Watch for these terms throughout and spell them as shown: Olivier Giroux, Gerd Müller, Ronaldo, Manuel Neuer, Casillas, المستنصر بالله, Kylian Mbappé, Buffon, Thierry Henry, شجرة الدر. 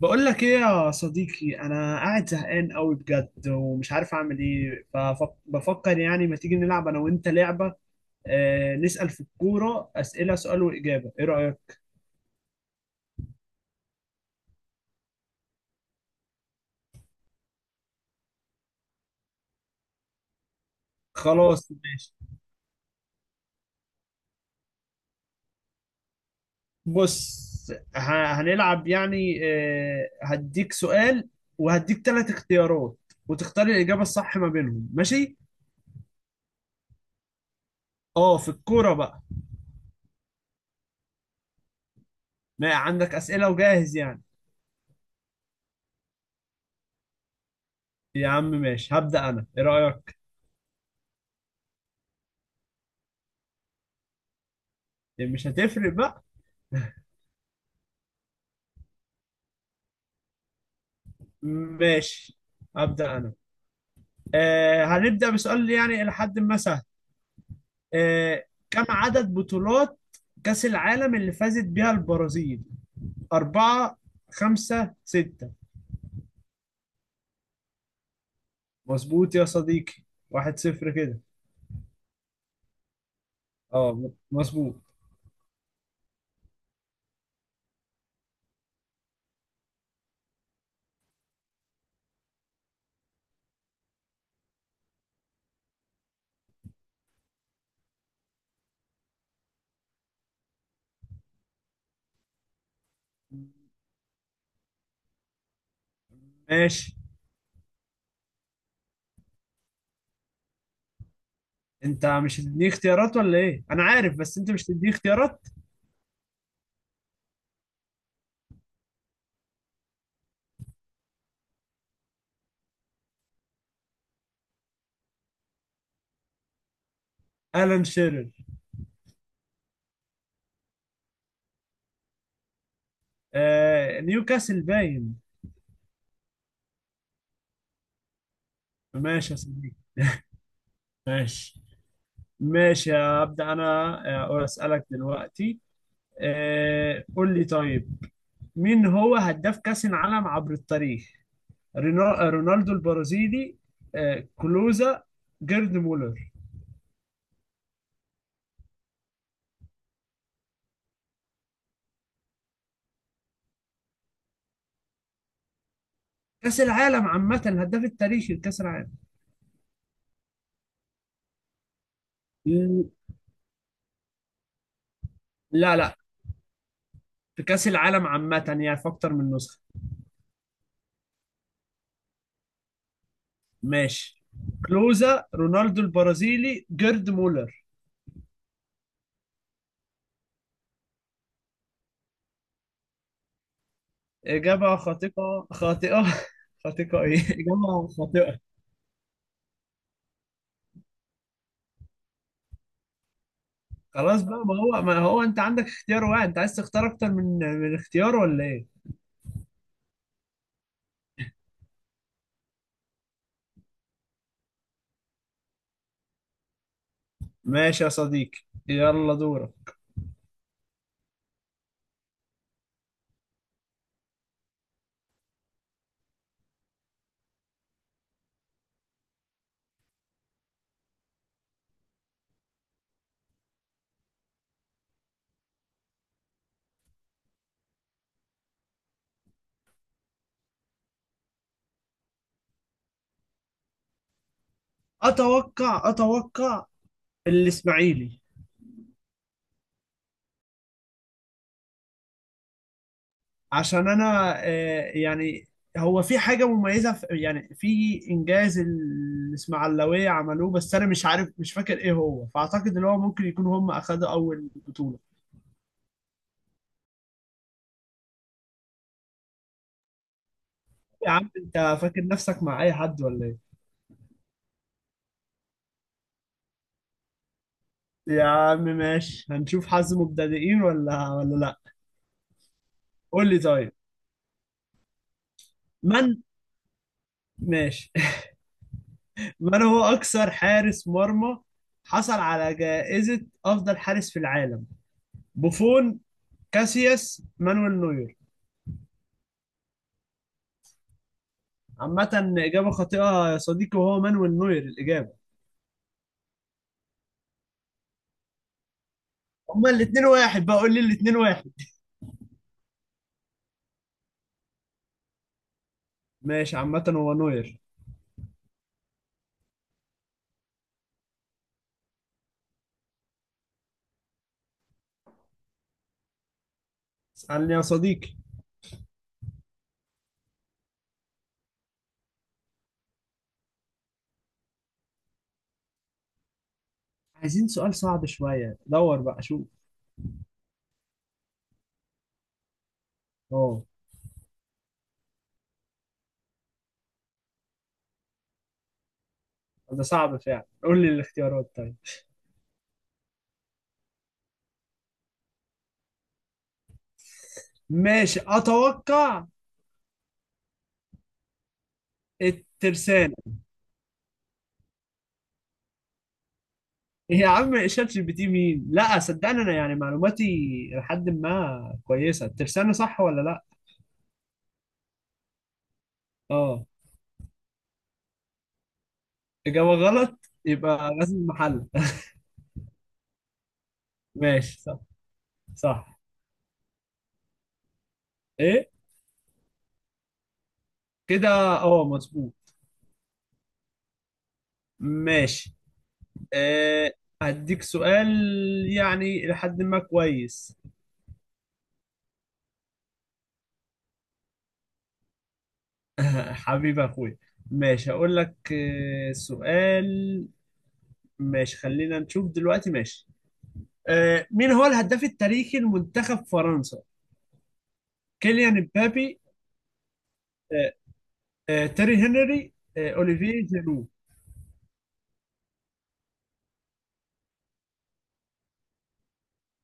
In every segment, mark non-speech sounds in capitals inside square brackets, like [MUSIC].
بقول لك ايه يا صديقي، انا قاعد زهقان قوي بجد ومش عارف اعمل ايه، فبفكر يعني ما تيجي نلعب انا وانت لعبة؟ آه، نسأل في الكورة أسئلة، سؤال وإجابة، ايه رأيك؟ خلاص ماشي. بص، هنلعب يعني، آه هديك سؤال وهديك ثلاث اختيارات وتختار الإجابة الصح ما بينهم، ماشي؟ اه في الكورة بقى. ما عندك أسئلة وجاهز يعني؟ يا عم ماشي، هبدأ انا، ايه رأيك؟ مش هتفرق بقى. ماشي، أبدأ أنا. آه هنبدأ بسؤال يعني إلى حد ما سهل. آه، كم عدد بطولات كأس العالم اللي فازت بيها البرازيل؟ أربعة، خمسة، ستة؟ مظبوط يا صديقي، واحد صفر كده. اه مظبوط. ماشي. انت مش هتديني اختيارات ولا ايه؟ انا عارف، بس انت مش هتديني اختيارات. الان شيرر. آه نيوكاسل باين. ماشي يا صديقي. ماشي ماشي هبدأ انا. اسألك دلوقتي. آه قول لي طيب. مين هو هداف كأس العالم عبر التاريخ؟ رونالدو البرازيلي، كلوزا، جيرد مولر. كأس العالم عامة، الهداف التاريخي لكأس العالم. ل- لا لا، في كأس العالم عامة يعني، في أكتر من نسخة. ماشي، كلوزا، رونالدو البرازيلي، جيرد مولر. إجابة خاطئة، خاطئة. [LAUGHS] خاطئة إيه، إجابة خاطئة. خلاص بقى، ما هو أنت عندك اختيار واحد، أنت عايز تختار أكتر من اختيار ولا إيه؟ ماشي يا صديقي، يلا دورك. اتوقع الاسماعيلي. عشان انا يعني هو في حاجه مميزه في يعني في انجاز الاسماعيلاويه عملوه، بس انا مش عارف، مش فاكر ايه هو، فاعتقد ان هو ممكن يكون هم اخدوا اول بطوله. يا عم انت فاكر نفسك مع اي حد ولا ايه؟ يا عم ماشي، هنشوف حظ مبتدئين ولا لا. قول لي طيب. من، ماشي. [LAUGHS] من هو اكثر حارس مرمى حصل على جائزة أفضل حارس في العالم؟ بوفون، كاسياس، مانويل نوير؟ عامة إجابة خاطئة يا صديقي، وهو مانويل نوير الإجابة. هما الاتنين واحد، بقول لي الاتنين واحد. ماشي، عامة هو نوير. اسألني يا صديقي. عايزين سؤال صعب شوية، دور بقى شوف. اه. ده صعب فعلا، قول لي الاختيارات طيب. ماشي أتوقع الترسانة. إيه يا عم، شات جي بي تي مين؟ لا صدقني، أنا يعني معلوماتي لحد ما كويسة. الترسانة صح ولا لا؟ اه. إجابة غلط يبقى غزل المحل. [LAUGHS] ماشي صح صح. ايه كده. اه مظبوط. ماشي. أه هديك سؤال يعني لحد ما كويس. [LAUGHS] حبيب اخويا. ماشي هقول لك سؤال. ماشي، خلينا نشوف دلوقتي، ماشي. أه مين هو الهداف التاريخي لمنتخب فرنسا؟ كيليان امبابي، أه، أه تيري هنري، أه اوليفيه جيرو؟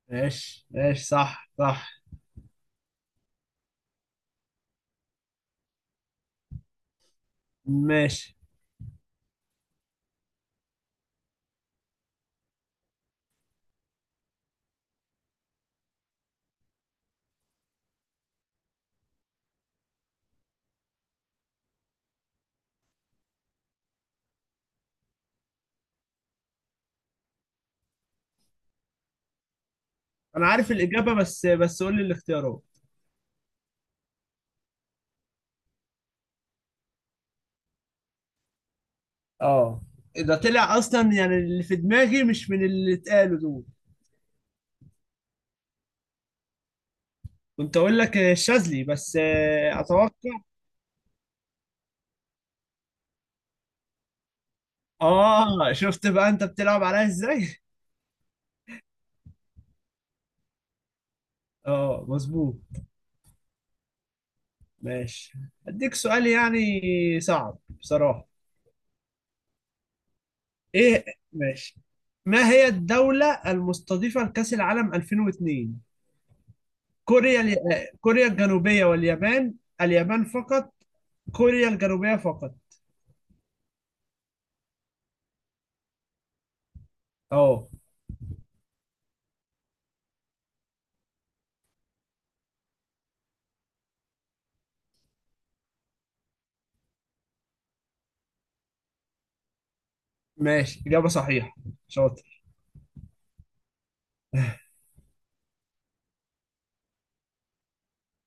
ماشي ماشي، صح صح. ماشي. انا عارف الاجابه، بس قول لي الاختيارات. اه. ده طلع اصلا يعني اللي في دماغي مش من اللي اتقالوا دول. كنت اقول لك الشاذلي بس، اتوقع. اه شفت بقى انت بتلعب عليا ازاي. اه مظبوط. ماشي. اديك سؤال يعني صعب بصراحة. ايه. ماشي. ما هي الدولة المستضيفة لكأس العالم 2002؟ آه، كوريا الجنوبية واليابان؟ اليابان فقط؟ كوريا الجنوبية فقط؟ اه. ماشي، إجابة صحيحة، شاطر.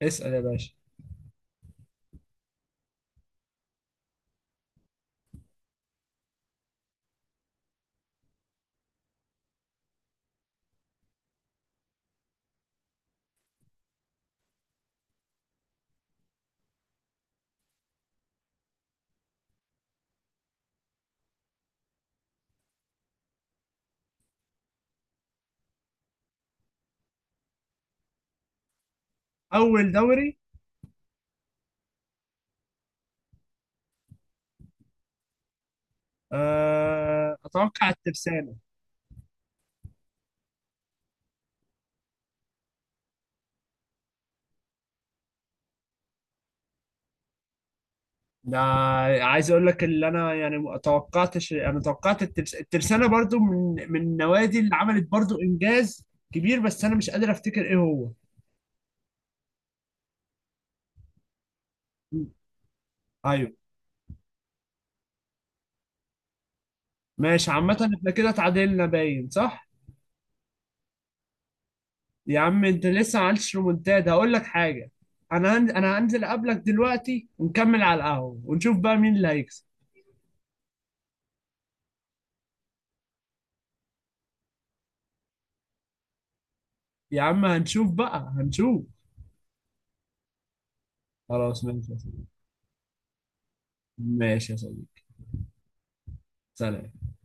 اسأل يا باشا. اول دوري. اتوقع الترسانة. ده عايز اقول لك اللي انا، يعني ما توقعتش، انا توقعت الترسانة برضو، من النوادي اللي عملت برضو انجاز كبير، بس انا مش قادر افتكر ايه هو. م. ايوه. ماشي عامة، احنا كده اتعادلنا باين صح. يا عم انت لسه ما عملتش رومونتاد، هقول لك حاجة. انا هنزل اقابلك دلوقتي ونكمل على القهوة ونشوف بقى مين اللي هيكسب. يا عم هنشوف بقى، هنشوف. خلاص ماشي يا صديقي. ماشي يا صديقي. سلام.